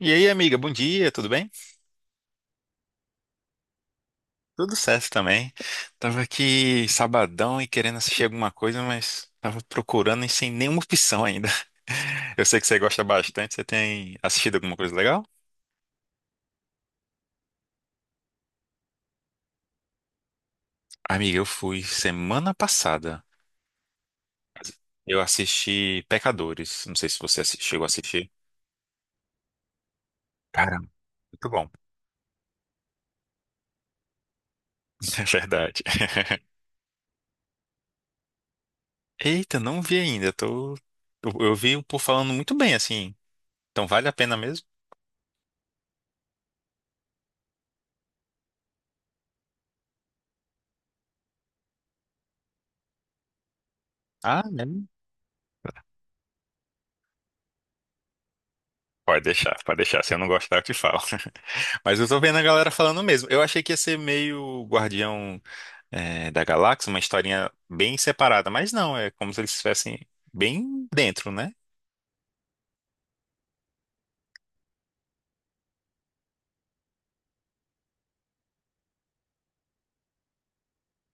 E aí, amiga, bom dia, tudo bem? Tudo certo também. Tava aqui sabadão e querendo assistir alguma coisa, mas tava procurando e sem nenhuma opção ainda. Eu sei que você gosta bastante, você tem assistido alguma coisa legal? Amiga, eu fui semana passada. Eu assisti Pecadores. Não sei se você chegou a assistir. Caramba, muito bom. É verdade. Eita, não vi ainda. Tô... Eu vi o povo falando muito bem, assim. Então vale a pena mesmo? Ah, né? Pode deixar, pode deixar. Se eu não gostar, eu te falo. Mas eu tô vendo a galera falando mesmo. Eu achei que ia ser meio Guardião, da Galáxia, uma historinha bem separada, mas não, é como se eles estivessem bem dentro, né?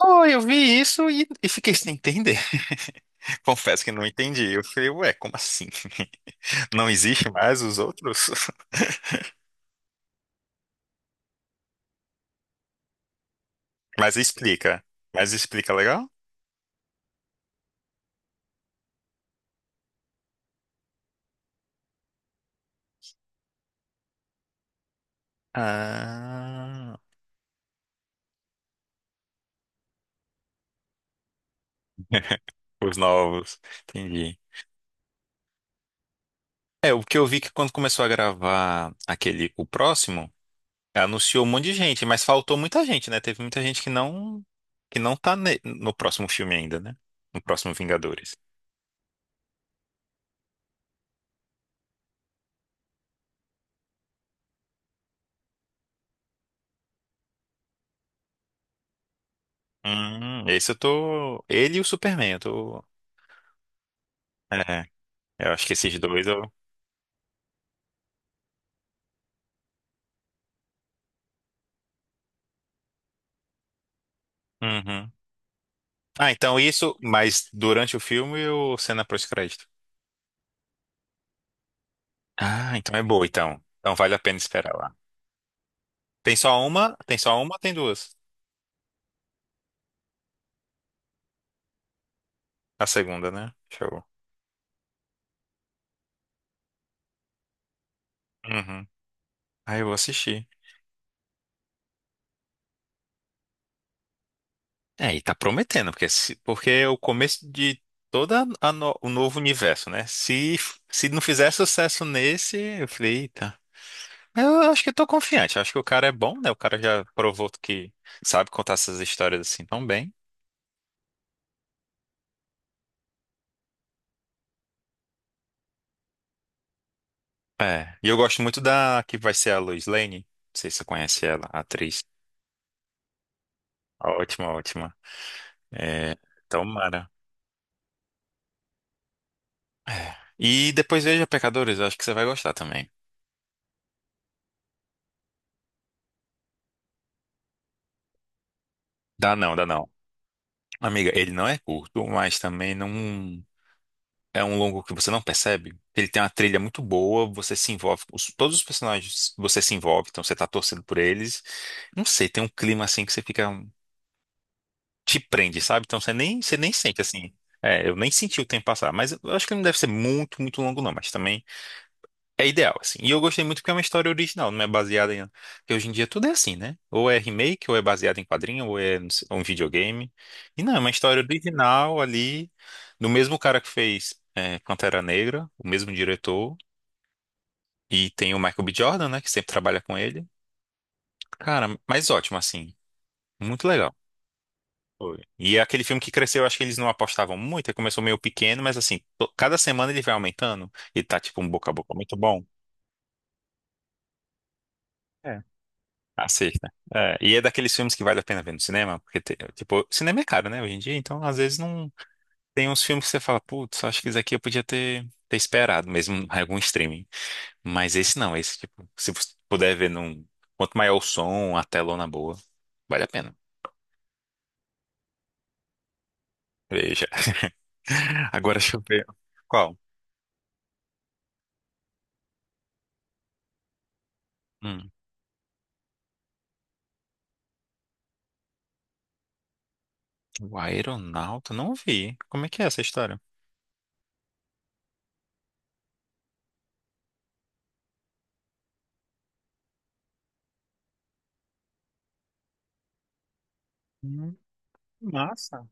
Oh, eu vi isso e fiquei sem entender. Confesso que não entendi. Eu falei, ué, como assim? Não existe mais os outros? Mas explica. Mas explica legal? Ah, os novos. Entendi. É, o que eu vi que quando começou a gravar aquele, o próximo, anunciou um monte de gente, mas faltou muita gente, né? Teve muita gente que não tá no próximo filme ainda, né? No próximo Vingadores. Esse eu tô. Ele e o Superman, eu tô. É, eu acho que esses dois eu. Uhum. Ah, então isso, mas durante o filme ou cena pós-crédito? Ah, então é boa, então. Então vale a pena esperar lá. Tem só uma? Tem só uma ou tem duas? A segunda, né? Show. Uhum. Ah, eu vou assistir. É, e tá prometendo, porque, porque é o começo de todo o novo universo, né? Se não fizer sucesso nesse, eu falei, eita. Mas eu acho que eu tô confiante, eu acho que o cara é bom, né? O cara já provou que sabe contar essas histórias assim tão bem. É, e eu gosto muito da que vai ser a Lois Lane, não sei se você conhece ela, a atriz. Ótima, ótima. É, tomara. É. E depois veja Pecadores, eu acho que você vai gostar também. Dá não, dá não. Amiga, ele não é curto, mas também não. É um longo que você não percebe. Ele tem uma trilha muito boa, você se envolve. Todos os personagens você se envolve, então você tá torcendo por eles. Não sei, tem um clima assim que você fica. Te prende, sabe? Então você nem sente assim. É, eu nem senti o tempo passar. Mas eu acho que não deve ser muito, muito longo, não. Mas também. É ideal, assim. E eu gostei muito porque é uma história original, não é baseada em. Porque hoje em dia tudo é assim, né? Ou é remake, ou é baseado em quadrinho, ou é não sei, um videogame. E não, é uma história original ali, do mesmo cara que fez Pantera Negra, o mesmo diretor. E tem o Michael B. Jordan, né? Que sempre trabalha com ele. Cara, mas ótimo, assim. Muito legal. Foi. E é aquele filme que cresceu, acho que eles não apostavam muito. Ele começou meio pequeno, mas assim, cada semana ele vai aumentando. E tá tipo um boca a boca muito bom. Assista. É, e é daqueles filmes que vale a pena ver no cinema, porque, tipo, cinema é caro, né, hoje em dia, então às vezes não. Tem uns filmes que você fala, putz, acho que esse aqui eu podia ter, esperado, mesmo em algum streaming. Mas esse não, esse, tipo, se você puder ver num. Quanto maior o som, a telona boa, vale a pena. Veja. Agora deixa eu ver. Qual? Hum, o Aeronauta? Não vi. Como é que é essa história? Hum, massa.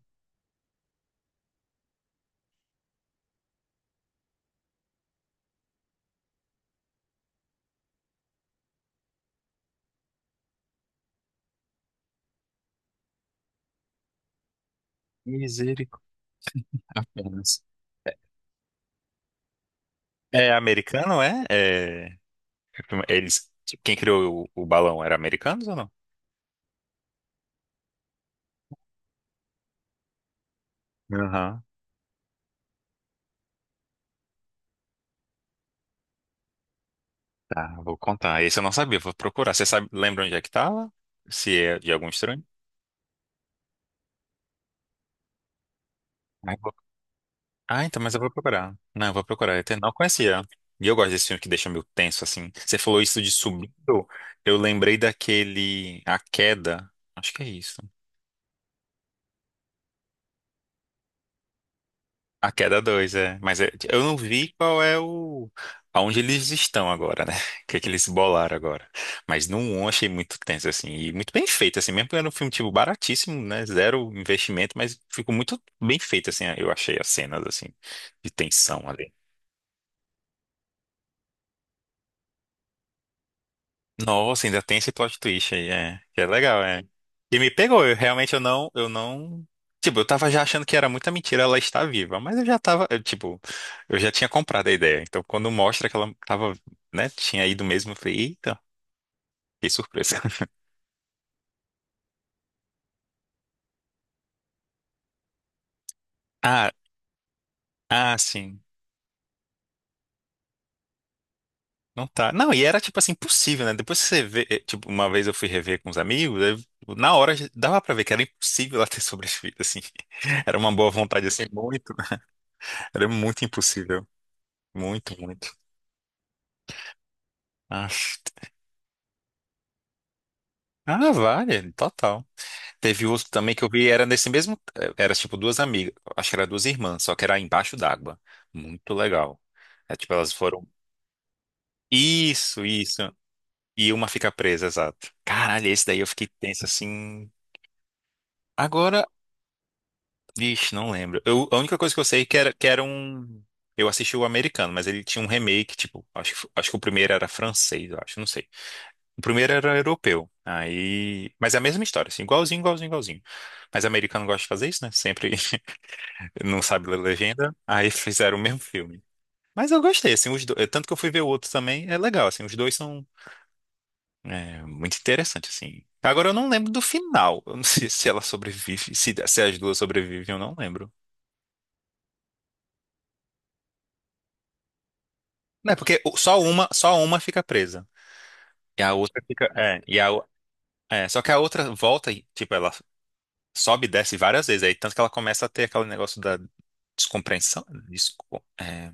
Misericórdia. Apenas. É americano, é? É. Eles, quem criou o balão era americanos ou não? Aham, tá, vou contar. Esse eu não sabia, vou procurar. Você sabe, lembra onde é que tava? Se é de algum estranho? Ah, eu vou- ah, então, mas eu vou procurar. Não, eu vou procurar. Eu até não conhecia. E eu gosto desse filme que deixa meio tenso, assim. Você falou isso de subindo. Eu lembrei daquele A Queda. Acho que é isso. A Queda 2 é. Mas eu não vi qual é o. Aonde eles estão agora, né? O que é que eles bolaram agora. Mas no 1 eu achei muito tenso, assim. E muito bem feito, assim. Mesmo que era um filme, tipo, baratíssimo, né? Zero investimento, mas ficou muito bem feito, assim. Eu achei as cenas, assim, de tensão ali. Nossa, ainda tem esse plot twist aí, é. Que é legal, é. E me pegou, eu realmente eu não, eu não. Tipo, eu tava já achando que era muita mentira ela estar viva, mas eu já tava, eu, tipo, eu já tinha comprado a ideia. Então, quando mostra que ela tava, né, tinha ido mesmo, eu falei, eita, que surpresa. Ah, ah, sim. Não tá. Não, e era tipo assim, impossível, né? Depois que você vê, tipo, uma vez eu fui rever com os amigos, na hora dava pra ver que era impossível ela ter sobrevivido, assim. Era uma boa vontade, assim, muito. Era muito impossível. Muito, muito. Ah, ah, vale, total. Teve outro também que eu vi, era nesse mesmo. Era tipo duas amigas, acho que era duas irmãs, só que era embaixo d'água. Muito legal. É tipo, elas foram. Isso, isso. E uma fica presa, exato. Caralho, esse daí eu fiquei tenso assim. Agora, vixe, não lembro. Eu, a única coisa que eu sei é que era um. Eu assisti o americano, mas ele tinha um remake, tipo, acho, acho que o primeiro era francês, eu acho, não sei. O primeiro era europeu. Aí. Mas é a mesma história, assim, igualzinho, igualzinho, igualzinho. Mas americano gosta de fazer isso, né? Sempre não sabe ler legenda. Aí fizeram o mesmo filme. Mas eu gostei, assim, os dois. Tanto que eu fui ver o outro também, é legal, assim, os dois são muito interessantes, assim. Agora eu não lembro do final. Eu não sei se ela sobrevive, se, as duas sobrevivem, eu não lembro. Não, é porque só uma fica presa. E a outra fica. É, e a, só que a outra volta, e, tipo, ela sobe e desce várias vezes. Aí tanto que ela começa a ter aquele negócio da descompreensão.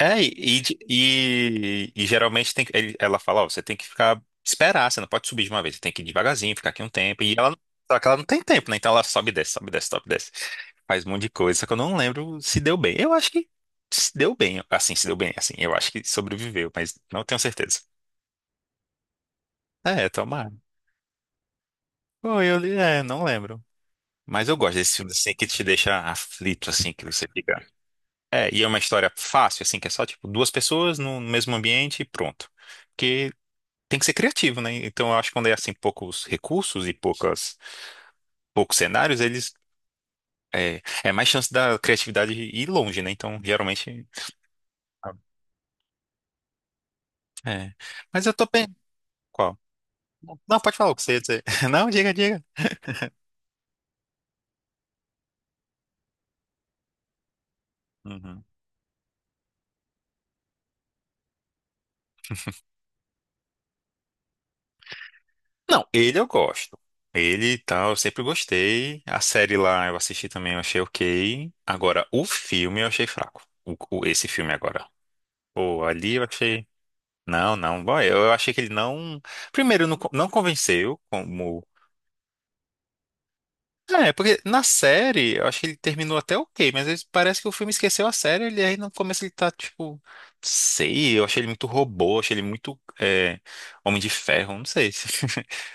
é, e, e geralmente tem, ela fala, ó, você tem que ficar, esperar, você não pode subir de uma vez, você tem que ir devagarzinho, ficar aqui um tempo. E ela, só que ela não tem tempo, né? Então ela sobe e desce, sobe e desce, sobe e desce. Faz um monte de coisa, só que eu não lembro se deu bem. Eu acho que se deu bem, assim, se deu bem, assim. Eu acho que sobreviveu, mas não tenho certeza. É, tomara. Bom, eu, não lembro. Mas eu gosto desses filmes assim que te deixa aflito, assim, que você fica. É, e é uma história fácil, assim, que é só, tipo, duas pessoas no mesmo ambiente e pronto. Porque tem que ser criativo, né? Então eu acho que quando é, assim, poucos recursos e poucas, poucos cenários, eles... É, é mais chance da criatividade ir longe, né? Então, geralmente... É. Mas eu tô bem... Qual? Não, pode falar o que você ia dizer. Não, diga, diga. Uhum. Não, ele eu gosto. Ele e tal, eu sempre gostei. A série lá eu assisti também, eu achei ok. Agora, o filme eu achei fraco. Esse filme agora. Pô, ali eu achei. Não, não. Bom, eu achei que ele não. Primeiro, não, não convenceu como. É, porque na série, eu acho que ele terminou até ok, mas parece que o filme esqueceu a série, ele aí no começo ele tá tipo. Sei, eu achei ele muito robô, achei ele muito Homem de Ferro, não sei.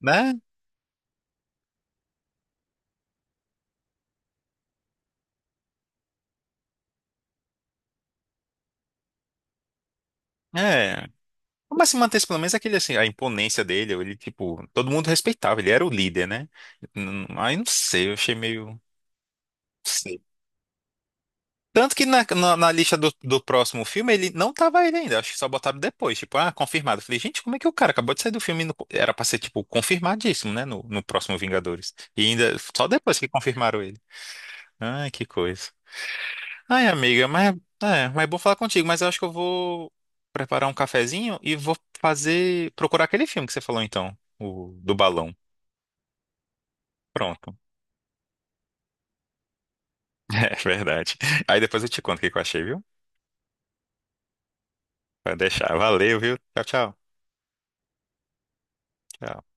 Né? É. Mas se mantesse pelo menos é aquele assim, a imponência dele, ele tipo. Todo mundo respeitava, ele era o líder, né? Aí não sei, eu achei meio. Tanto que na lista do próximo filme ele não tava ele ainda, acho que só botaram depois, tipo, ah, confirmado. Eu falei, gente, como é que o cara acabou de sair do filme? E não co- Era pra ser, tipo, confirmadíssimo, né, no próximo Vingadores. E ainda, só depois que confirmaram ele. Ai, que coisa. Ai, amiga, mas é bom falar contigo, mas eu acho que eu vou preparar um cafezinho e vou fazer, procurar aquele filme que você falou então, o do balão. Pronto. É verdade. Aí depois eu te conto o que que eu achei, viu? Vai deixar. Valeu, viu? Tchau, tchau. Tchau.